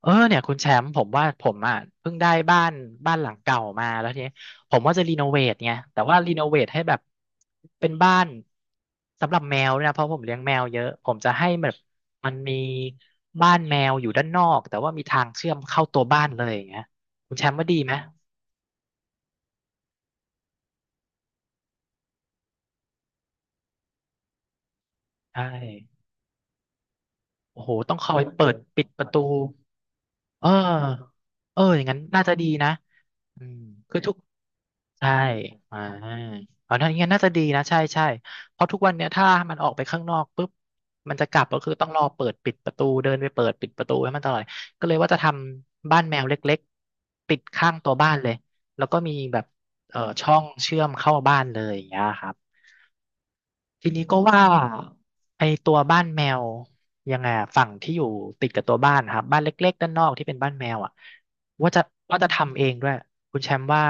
เออเนี่ยคุณแชมป์ผมว่าผมอ่ะเพิ่งได้บ้านบ้านหลังเก่ามาแล้วทีนี้ผมว่าจะรีโนเวทไงแต่ว่ารีโนเวทให้แบบเป็นบ้านสำหรับแมวด้วยนะเพราะผมเลี้ยงแมวเยอะผมจะให้แบบมันมีบ้านแมวอยู่ด้านนอกแต่ว่ามีทางเชื่อมเข้าตัวบ้านเลยอย่างเงี้ยคุณแชมป์ว่าดีไหมใช่โอ้โหต้องคอยเปิดปิดประตูเออเอออย่างนั้นน่าจะดีนะอืมคือทุก ใช่อ่าเอานั่นงั้นน่าจะดีนะใช่ใช่เพราะทุกวันเนี้ยถ้ามันออกไปข้างนอกปุ๊บมันจะกลับก็คือต้องรอเปิดปิดประตูเดินไปเปิดปิดประตูให้มันตลอดก็เลยว่าจะทำบ้านแมวเล็กๆติดข้างตัวบ้านเลยแล้วก็มีแบบช่องเชื่อมเข้าบ้านเลยอย่างเงี้ยครับทีนี้ก็ว่าไอตัวบ้านแมวยังไงอะฝั่งที่อยู่ติดกับตัวบ้านนะครับบ้านเล็กๆด้านนอกที่เป็นบ้านแมวอ่ะว่าจะว่าจะทำเองด้วยคุณแชมป์ว่า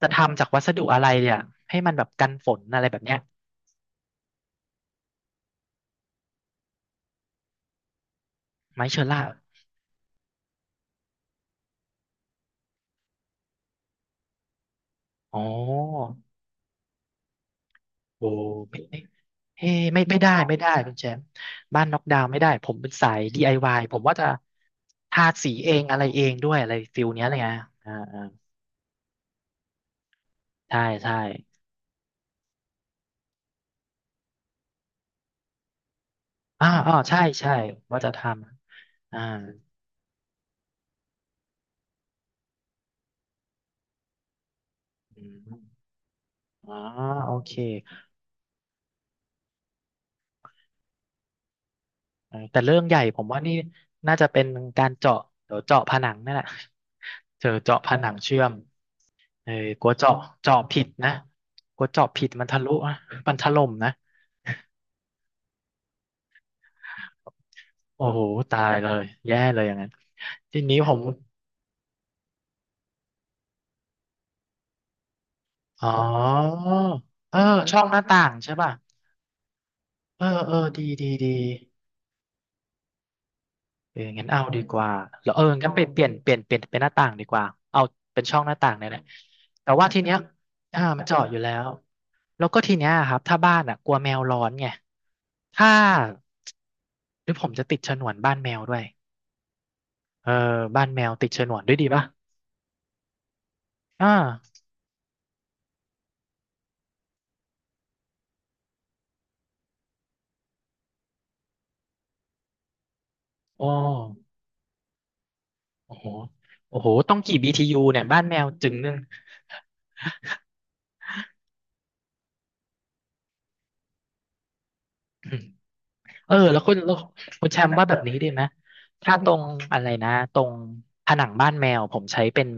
จะทำจากวัสดุอะไรเนี่ยให้มันแบบกันฝนอะไรแบบเนี้ยไม้เชอร่าอ๋อโอ้ไม่ไม่เฮ้ไม่ได้คุณแชมป์บ้านน็อกดาวน์ไม่ได้ผมเป็นสาย DIY ผมว่าจะทาสีเองอะไรเองด้วยอะไรฟิลเนี้ยเลยไรเงยอ่าอ่าใช่ใช่อ่าอ๋อใช่ใช่ว่าจะทำอ่าอืมอ๋อโอเคเออแต่เรื่องใหญ่ผมว่านี่น่าจะเป็นการเจาะเดี๋ยวเจาะผนังนั่นแหละเจอเจาะผนังเชื่อม เออกลัวเจาะเจาะผิดนะกลัวเจาะผิดมันทะลุอะมันถล่มนะโอ้โหตายเลยแย่เลยอย่างนั้นทีนี้ผมอ๋อเออช่องหน้าต่างใช่ป่ะเออเออดีดีดีเอองั้นเอาดีกว่าแล้วเอองั้นไปเปลี่ยนเป็นหน้าต่างดีกว่าเอาเป็นช่องหน้าต่างเนี่ยแหละแต่ว่าทีเนี้ยอ่ามันเจาะอยู่แล้วแล้วก็ทีเนี้ยครับถ้าบ้านอ่ะกลัวแมวร้อนไงถ้าหรือผมจะติดฉนวนบ้านแมวด้วยเออบ้านแมวติดฉนวนด้วยดีป่ะ อ่าอ๋อโอ้โหโอ้โหต้องกี่ BTU เนี่ยบ้านแมวจึงนึง เออแล้วคุณแล้วคุณแชมป์ว่าแบบนี้ดีไหมถ้าตรงอะไรนะตรงผนังบ้านแมวผมใช้เป็น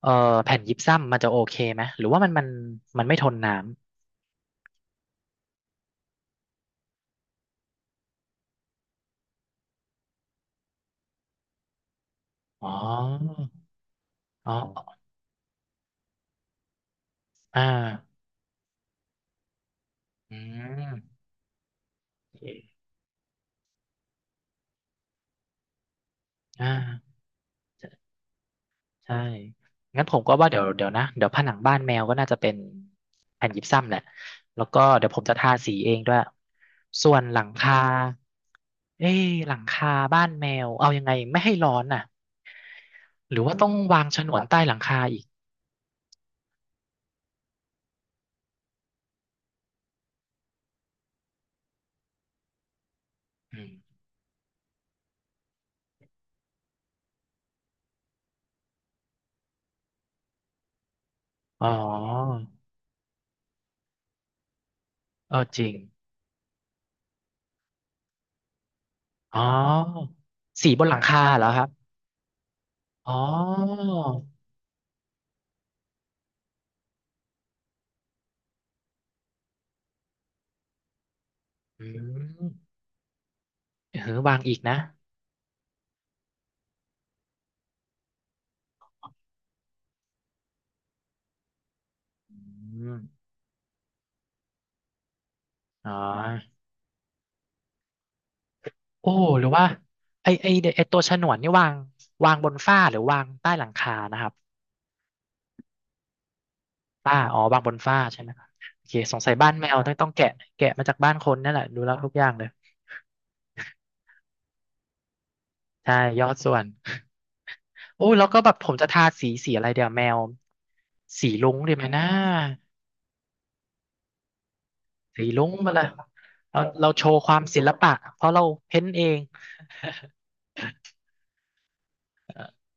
เอ่อแผ่นยิปซัมมันจะโอเคไหมหรือว่ามันไม่ทนน้ำ อ๋อ อ๋ออ่าอืมโอเคอ่า ใช่งั้นผมก็ว่าเดี๋ยวผนังบ้านแมวก็น่าจะเป็นแผ่นยิปซัมแหละแล้วก็เดี๋ยวผมจะทาสีเองด้วยส่วนหลังคาเอ้ยหลังคาบ้านแมวเอายังไงไม่ให้ร้อนน่ะหรือว่าต้องวางฉนวนใต้หลังคาอีกอืมอ๋อเออจริง อ๋อ สีบนหลังคาเหรอครับ อ๋ออืมเออวางอีกนะอืมอ๋อ โอ้หรือว่าไอไอไอตัวฉนวนนี่วางวางบนฝ้าหรือวางใต้หลังคานะครับฝ้าอ๋อวางบนฝ้าใช่ไหมครับโอเคสงสัยบ้านแมวต้องต้องแกะแกะมาจากบ้านคนนั่นแหละดูแล้วทุกอย่างเลยใช่ยอดส่วน โอ้ยแล้วก็แบบผมจะทาสีอะไรเดี๋ยวแมวสีรุ้งดีไหมนะสีรุ้งมาเลยเราโชว์ความศิลปะเพราะเราเพ้นท์เอง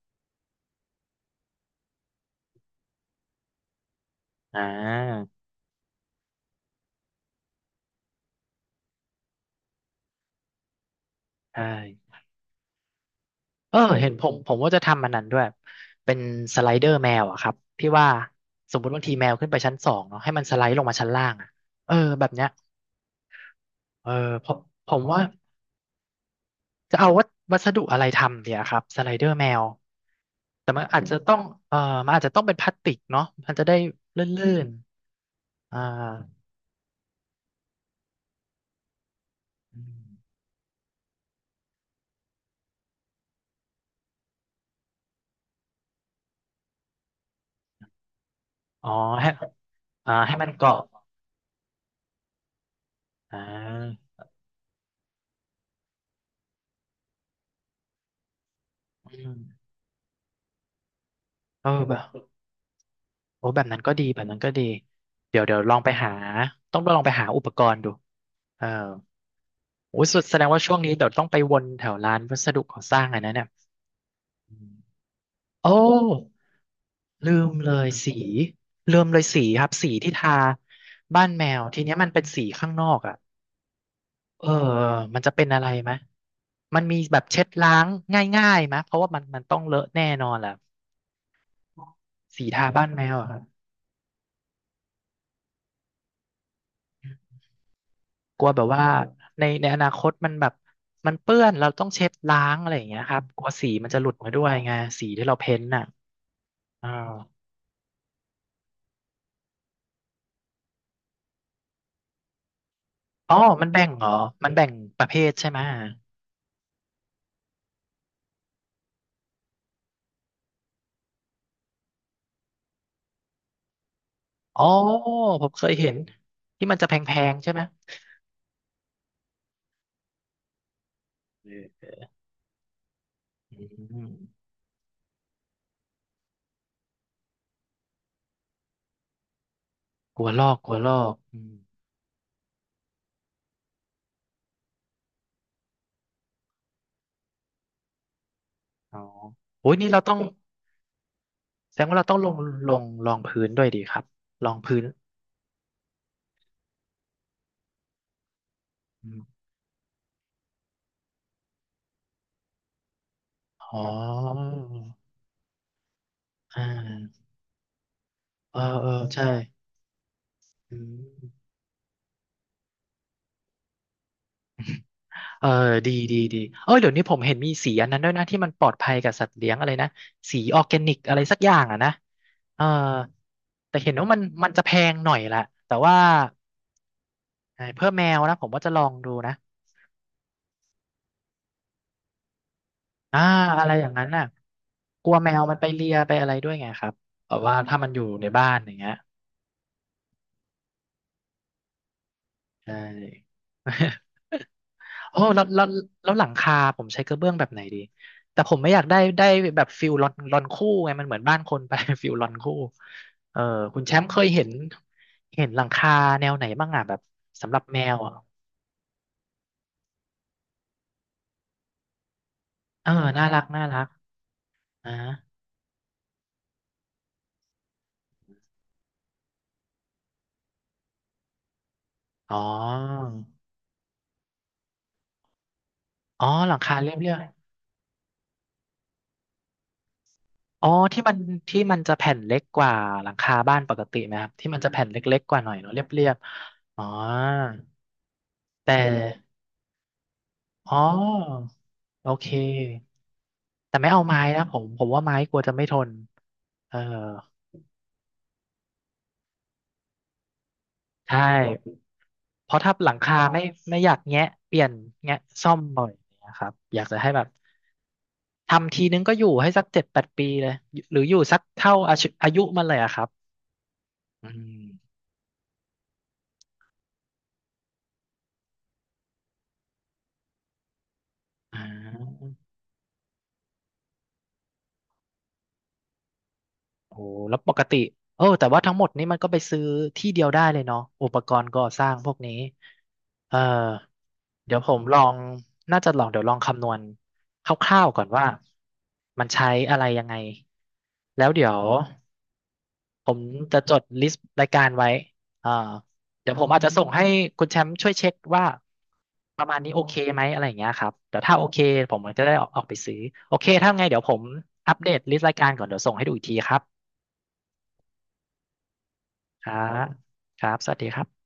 อ่าใช่ เออเห็นผมว่าจะทำมันนั้นด้วยเป็นสไลเดอร์แมวอะครับที่ว่าสมมติบางทีแมวขึ้นไปชั้นสองเนาะให้มันสไลด์ลงมาชั้นล่างอะเออแบบเนี้ยเออผมผมว่าจะเอาวัสดุอะไรทำเดียครับสไลเดอร์แมวแต่มันอาจจะต้องเออมันอาจจะต้องเป็นพลาสติกเนาะมันจะได้ลื่นๆอ่าอมอ๋อให้อ่าให้มันเกาะอ่าอืมเออแบบโอ้แบบนั้นก็ดีแบบนั้นก็ดีเดี๋ยวลองไปหาต้องลองไปหาอุปกรณ์ดูเออ โอ้ยสุดแสดงว่าช่วงนี้เดี๋ยวต้องไปวนแถวร้านวัสดุก่อสร้างอันนั้นเนี่ยอืมโอ้ลืมเลยสีลืมเลยสีครับสีที่ทาบ้านแมวทีเนี้ยมันเป็นสีข้างนอกอ่ะเออมันจะเป็นอะไรไหมมันมีแบบเช็ดล้างง่ายๆไหมเพราะว่ามันต้องเลอะแน่นอนแหละสีทาบ้านแมวอะครับกลัวแบบว่าในอนาคตมันแบบมันเปื้อนเราต้องเช็ดล้างอะไรอย่างเงี้ยครับกลัวสีมันจะหลุดมาด้วยไงสีที่เราเพ้นท์น่ะอ่า อ๋อมันแบ่งเหรอ มันแบ่งประเภทใช่ไหมอ๋อผมเคยเห็นที่มันจะแพงๆใช่ไหมเอออืมกลัวลอกกลัวลอกอืมอ๋อโอ้ยนี่เราต้องแสดงว่าเราต้องลงรองพื้นด้วยดีครับรองพื้นอมอ๋ออ่าเออเออใช่อืม เออดีดีดีเออเดี๋ยวนี้ผมเห็นมีสีอันนั้นด้วยนะที่มันปลอดภัยกับสัตว์เลี้ยงอะไรนะสีออร์แกนิกอะไรสักอย่างอ่ะนะเออแต่เห็นว่ามันจะแพงหน่อยแหละแต่ว่าเพื่อแมวนะผมว่าจะลองดูนะอ่าอะไรอย่างนั้นน่ะกลัวแมวมันไปเลียไปอะไรด้วยไงครับแบบว่าถ้ามันอยู่ในบ้านอย่างเงี้ยใช่ โอ้แล้วหลังคาผมใช้กระเบื้องแบบไหนดีแต่ผมไม่อยากได้แบบฟิลลอนลอนคู่ไงมันเหมือนบ้านคนไป ฟิลลอนคู่เออคุณแชมป์เคยเห็นเห็นหลังคาแนวไหนบ้างอ่ะแบบสำหรับแมวอ่ะเออน่ารักน่ารักนะอ๋ออ๋อหลังคาเรียบเรียบอ๋อที่มันจะแผ่นเล็กกว่าหลังคาบ้านปกติไหมครับที่มันจะแผ่นเล็กๆกว่าหน่อยเนาะเรียบเรียบอ๋อแต่อ๋อโอเค แต่ไม่เอาไม้นะผมว่าไม้กลัวจะไม่ทนเออใช่เพราะถ้าหลังคาไม่ไม่อยากแงะเปลี่ยนแงะซ่อมบ่อยนะครับอยากจะให้แบบทำทีนึงก็อยู่ให้สักเจ็ดแปดปีเลยหรืออยู่สักเท่าอายุมันเลยอะครับอืมอ่าโอ้แล้วปกติเออแต่ว่าทั้งหมดนี้มันก็ไปซื้อที่เดียวได้เลยเนาะอุปกรณ์ก่อสร้างพวกนี้เออเดี๋ยวผมลองน่าจะลองเดี๋ยวลองคำนวณคร่าวๆก่อนว่ามันใช้อะไรยังไง แล้วเดี๋ยวผมจะจดลิสต์รายการไว้อ่าเดี๋ยวผมอาจจะส่งให้คุณแชมป์ช่วยเช็คว่าประมาณนี้โอเคไหมอะไรอย่างเงี้ยครับเดี๋ยวถ้าโอเคผมจะได้ออกไปซื้อโอเคถ้าไงเดี๋ยวผมอัปเดตลิสต์รายการก่อนเดี๋ยวส่งให้ดูอีกทีครับครับครับสวัสดีครับ